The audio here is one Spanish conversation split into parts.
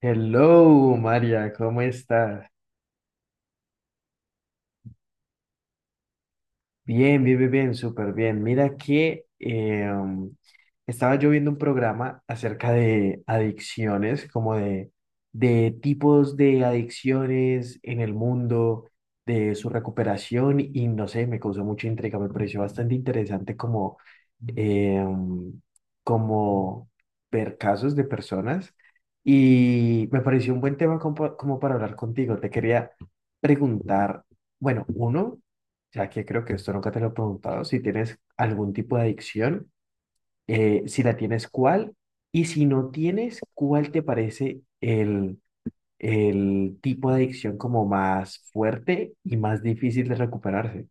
Hello, María, ¿cómo estás? Bien, bien, bien, bien, súper bien. Mira que estaba yo viendo un programa acerca de adicciones, como de tipos de adicciones en el mundo, de su recuperación y no sé, me causó mucha intriga, me pareció bastante interesante eh, como ver casos de personas y me pareció un buen tema como, como para hablar contigo. Te quería preguntar, bueno, uno. Ya que creo que esto nunca te lo he preguntado, si tienes algún tipo de adicción, si la tienes, ¿cuál? Y si no tienes, ¿cuál te parece el tipo de adicción como más fuerte y más difícil de recuperarse?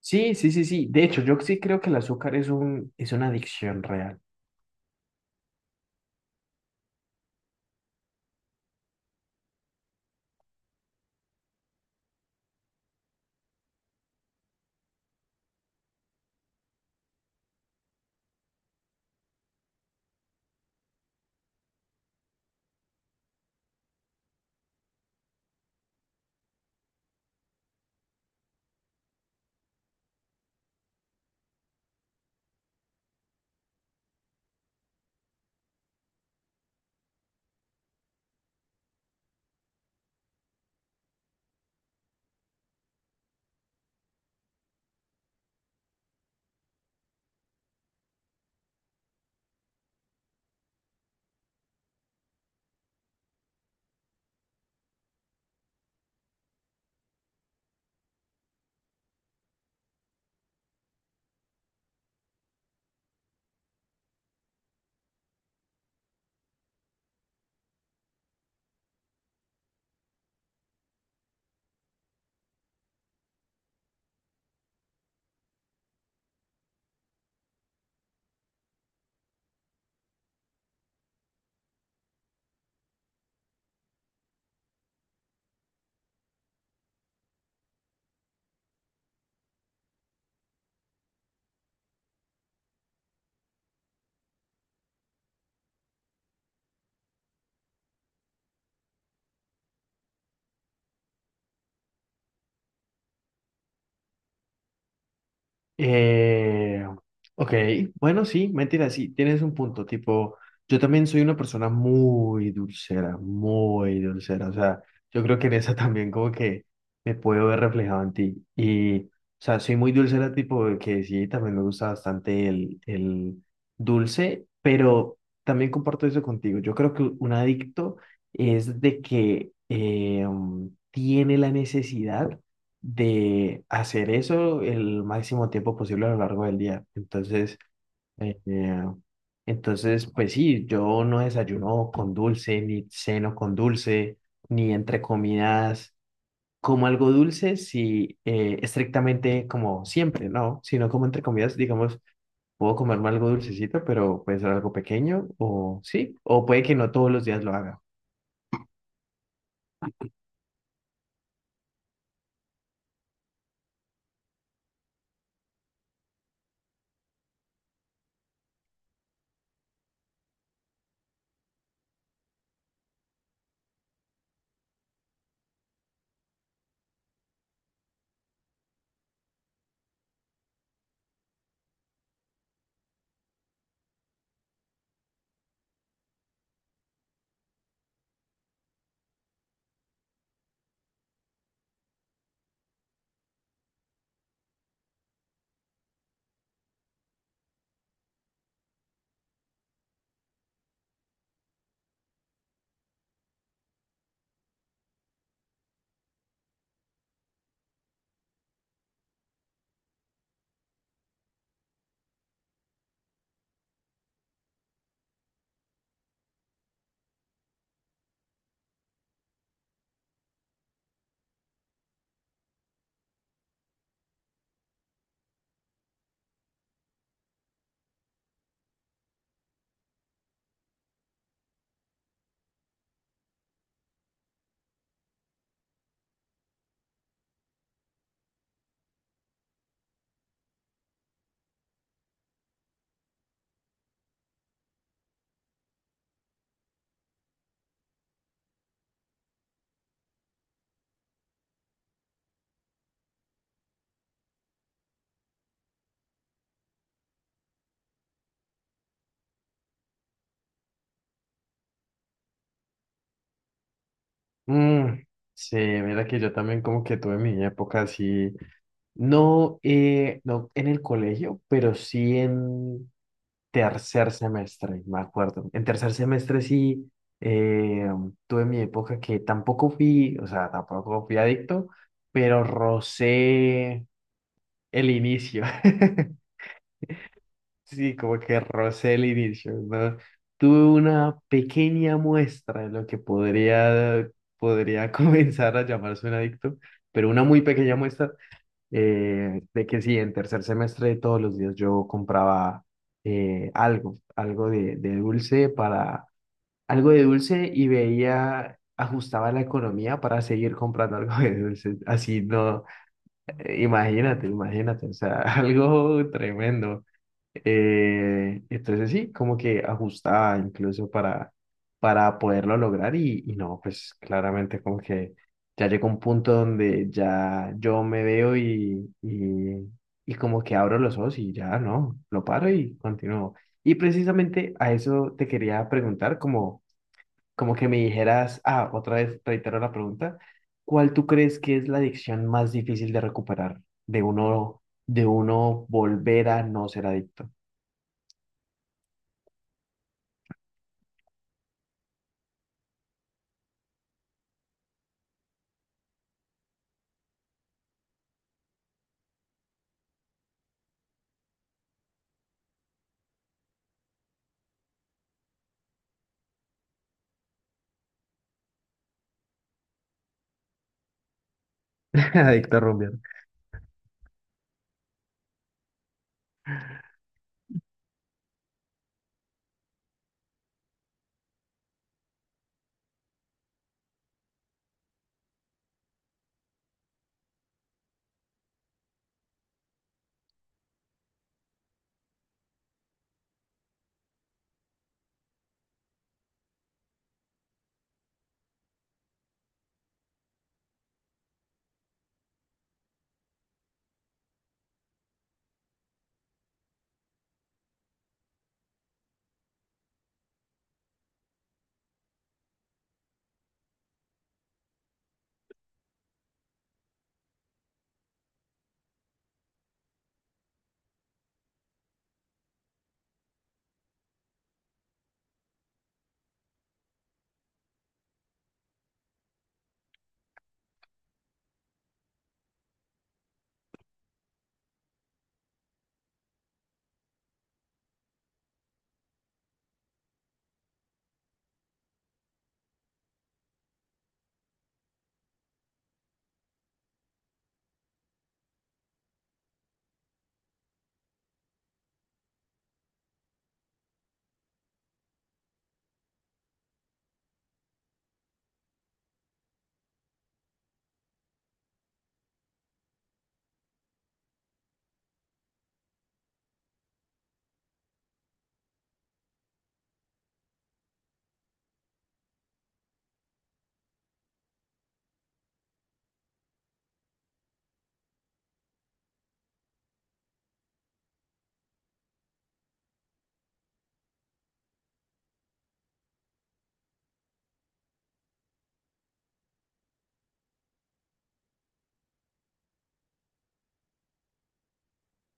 Sí, sí, sí, sí. De hecho, yo sí creo que el azúcar es es una adicción real. Eh, ok, bueno, sí, mentira, sí, tienes un punto, tipo, yo también soy una persona muy dulcera, o sea, yo creo que en esa también como que me puedo ver reflejado en ti, y, o sea, soy muy dulcera, tipo, de que sí, también me gusta bastante el dulce, pero también comparto eso contigo, yo creo que un adicto es de que tiene la necesidad de hacer eso el máximo tiempo posible a lo largo del día. Entonces, eh, eh, entonces, pues sí, yo no desayuno con dulce, ni ceno con dulce, ni entre comidas como algo dulce, si estrictamente como siempre, ¿no? Sino como entre comidas, digamos, puedo comerme algo dulcecito, pero puede ser algo pequeño, o sí, o puede que no todos los días lo haga. Mm, sí, mira que yo también como que tuve mi época así. No, no en el colegio, pero sí en tercer semestre, me acuerdo. En tercer semestre sí eh, tuve mi época que tampoco fui, o sea, tampoco fui adicto, pero rocé el inicio. Sí, como que rocé el inicio, ¿no? Tuve una pequeña muestra de lo que podría comenzar a llamarse un adicto, pero una muy pequeña muestra de que sí, en tercer semestre todos los días yo compraba algo de dulce para, algo de dulce y veía, ajustaba la economía para seguir comprando algo de dulce, así no, imagínate, imagínate, o sea, algo tremendo. Entonces sí, como que ajustaba incluso para poderlo lograr y no, pues claramente como que ya llegó un punto donde ya yo me veo y como que abro los ojos y ya no, lo paro y continúo. Y precisamente a eso te quería preguntar como como que me dijeras, ah, otra vez reitero la pregunta, ¿cuál tú crees que es la adicción más difícil de recuperar? De uno volver a no ser adicto. Adicto a rumbear.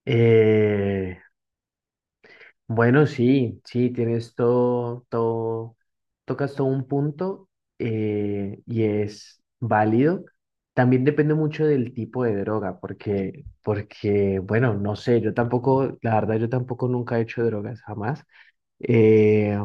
Eh, bueno, sí, sí, tienes todo, todo, tocas todo un punto y es válido. También depende mucho del tipo de droga, bueno, no sé, yo tampoco, la verdad, yo tampoco nunca he hecho drogas, jamás. Eh,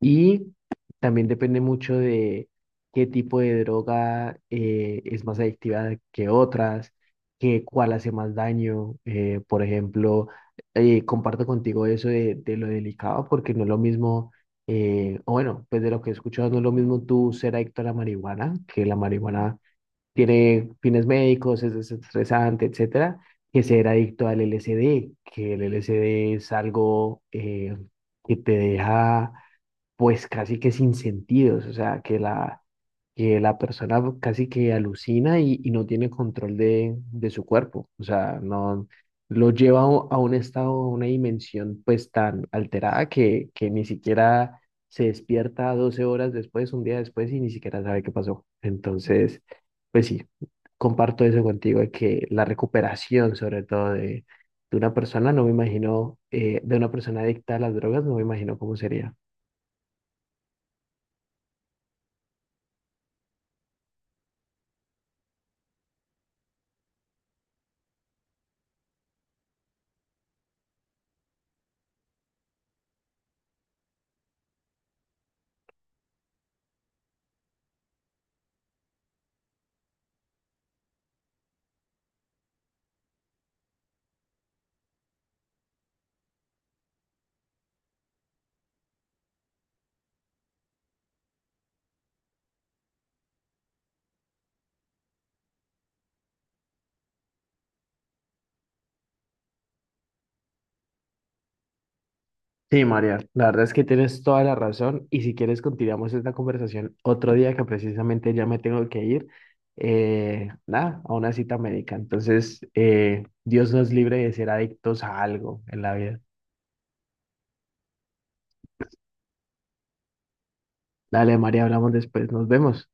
y también depende mucho de qué tipo de droga es más adictiva que otras, que cuál hace más daño. Por ejemplo, comparto contigo eso de lo delicado, porque no es lo mismo, o bueno, pues de lo que he escuchado, no es lo mismo tú ser adicto a la marihuana, que la marihuana tiene fines médicos, es desestresante, etcétera, que ser adicto al LSD, que el LSD es algo que te deja pues casi que sin sentidos, o sea, que la persona casi que alucina y no tiene control de su cuerpo, o sea, no lo lleva a un estado, a una dimensión pues tan alterada que ni siquiera se despierta 12 horas después, un día después y ni siquiera sabe qué pasó. Entonces, pues sí, comparto eso contigo, de que la recuperación, sobre todo de una persona, no me imagino, de una persona adicta a las drogas, no me imagino cómo sería. Sí, María, la verdad es que tienes toda la razón y si quieres continuamos esta conversación otro día que precisamente ya me tengo que ir, nada, a una cita médica. Entonces, Dios nos libre de ser adictos a algo en la vida. Dale, María, hablamos después, nos vemos.